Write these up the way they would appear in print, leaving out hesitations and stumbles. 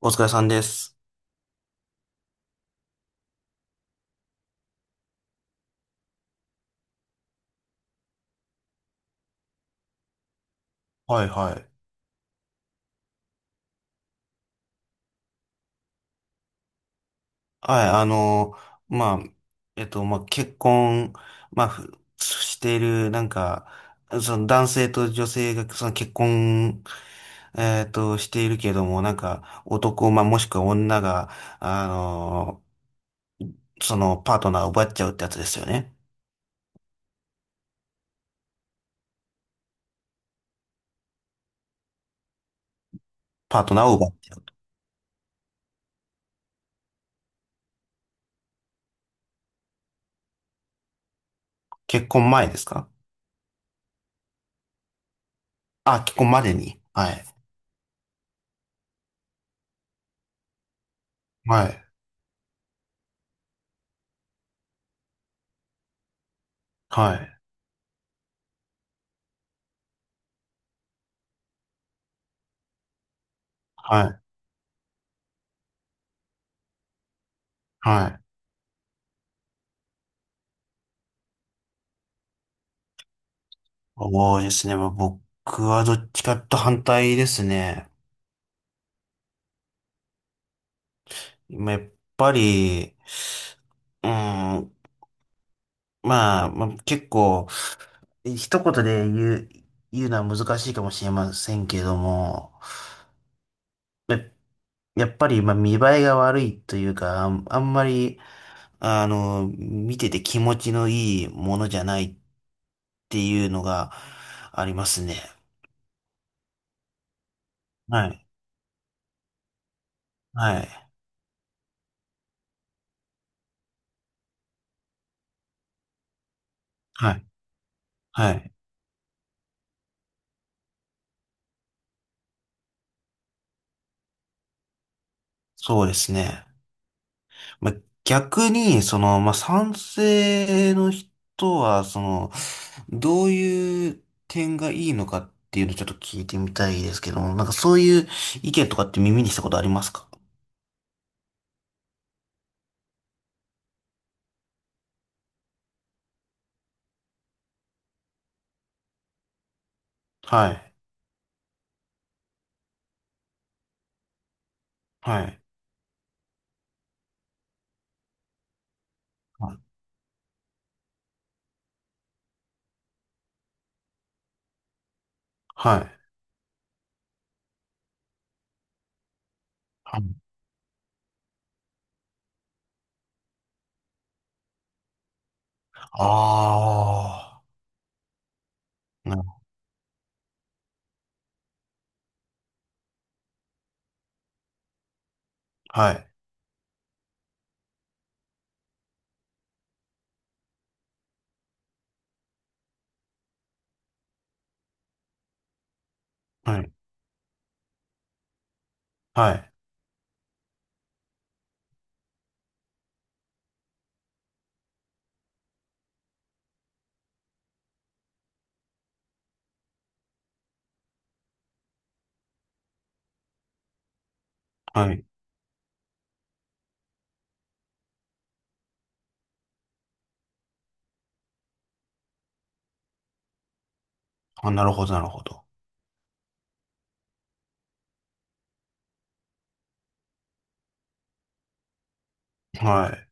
お疲れさんです。はいはい。はい、あの、まあ、えっと、まあ、結婚、まあ、ふしている、その男性と女性が、その結婚、えっと、しているけども、なんか、男、まあ、もしくは女が、あの、そのパートナーを奪っちゃうってやつですよね。パートナーを奪っちゃうと。結婚前ですか？あ、結婚までに。はい。はい。はい。はい。はい。そうですね。まあ、僕はどっちかと反対ですね。まあやっぱり、うん、まあ、結構、一言で言うのは難しいかもしれませんけれども、や、やっぱり、まあ、見栄えが悪いというか、あんまり、見てて気持ちのいいものじゃないっていうのがありますね。はい。はい。はい。はい。そうですね。まあ、逆に、まあ、賛成の人は、どういう点がいいのかっていうのをちょっと聞いてみたいですけども、なんかそういう意見とかって耳にしたことありますか？はい。はい。はい。はい。ああー。はい。はい。はい。はい。あ、なるほど、なるほど。はい。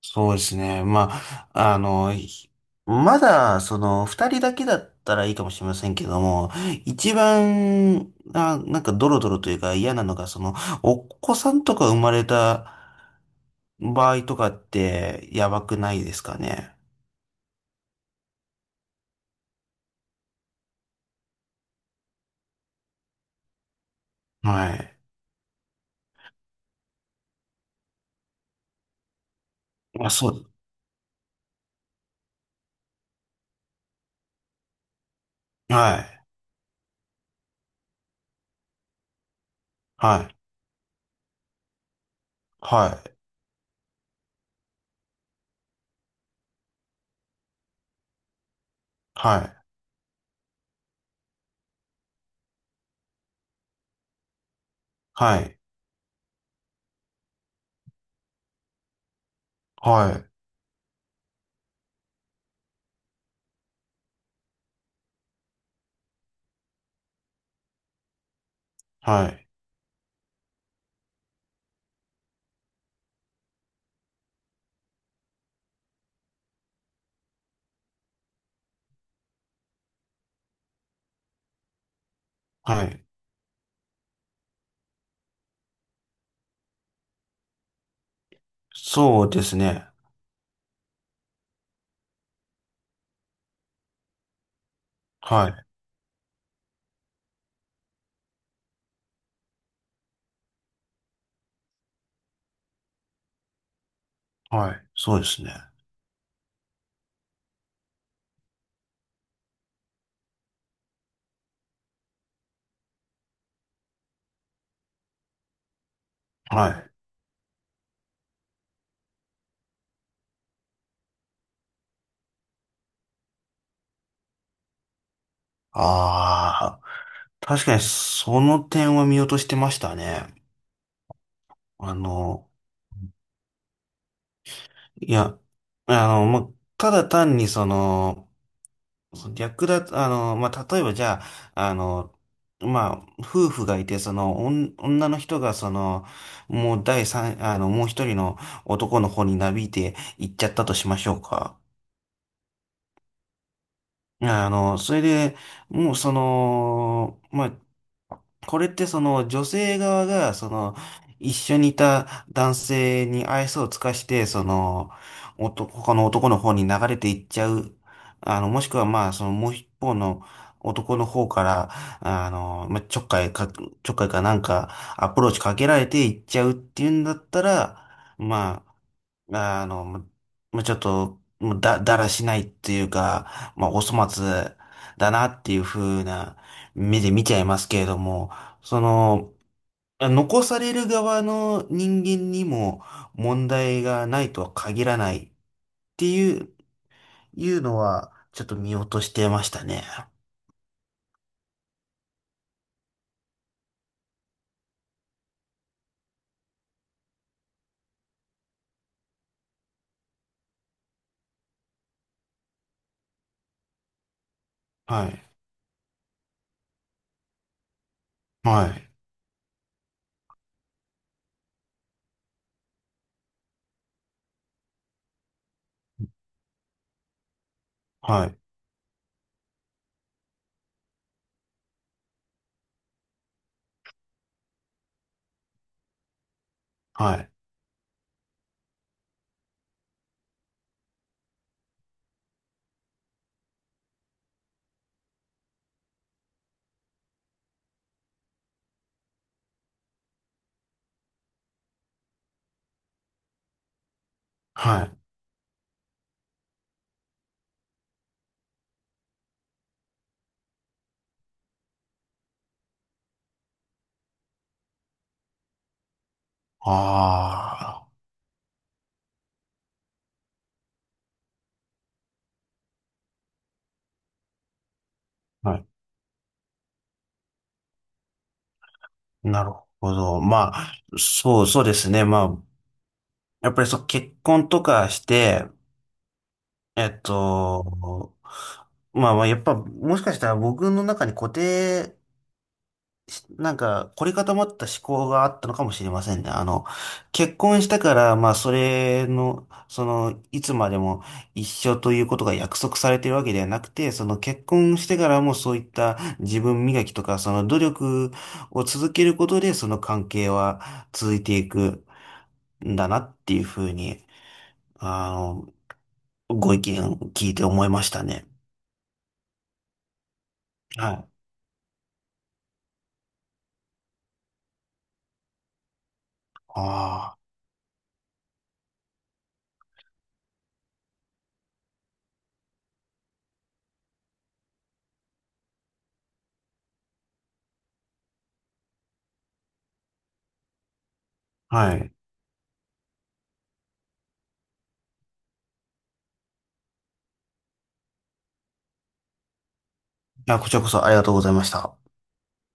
そうですね。まあ、まだ、二人だけだったらいいかもしれませんけども、一番、あ、なんかドロドロというか嫌なのが、お子さんとか生まれた場合とかって、やばくないですかね。はい。あ、そう。はい。はい。はい。はい。はい。はい。はい。はい。そうですね。はい。はい。そうですね。はい。ああ。確かにその点は見落としてましたね。あの、いや、あの、ま、ただ単にその、その略奪、あの、まあ、例えばじゃあ、まあ、夫婦がいて、その、女の人が、もう一人の男の方になびいて行っちゃったとしましょうか。いや、それで、もうその、まあ、これってその女性側が、その、一緒にいた男性に愛想を尽かして、その、他の男の方に流れていっちゃう。もしくはまあ、その、もう一方の男の方から、まあ、ちょっかいかなんか、アプローチかけられていっちゃうっていうんだったら、まあまああの、ももうちょっと、もうだ、だらしないっていうか、まあ、お粗末だなっていう風な目で見ちゃいますけれども、その、残される側の人間にも問題がないとは限らないっていうのは、ちょっと見落としてましたね。はい。はい。はい。はい。はい。ああ。はい。なるほど。まあ、そうですね。まあ、やっぱりそう、結婚とかして、えっと、まあまあ、やっぱ、もしかしたら僕の中に固定し、なんか、凝り固まった思考があったのかもしれませんね。あの、結婚したから、まあ、それの、その、いつまでも一緒ということが約束されてるわけではなくて、その結婚してからもそういった自分磨きとか、その努力を続けることで、その関係は続いていくんだなっていうふうに、あの、ご意見聞いて思いましたね。はい。ああ、はい。いや、こちらこそありがとうございました。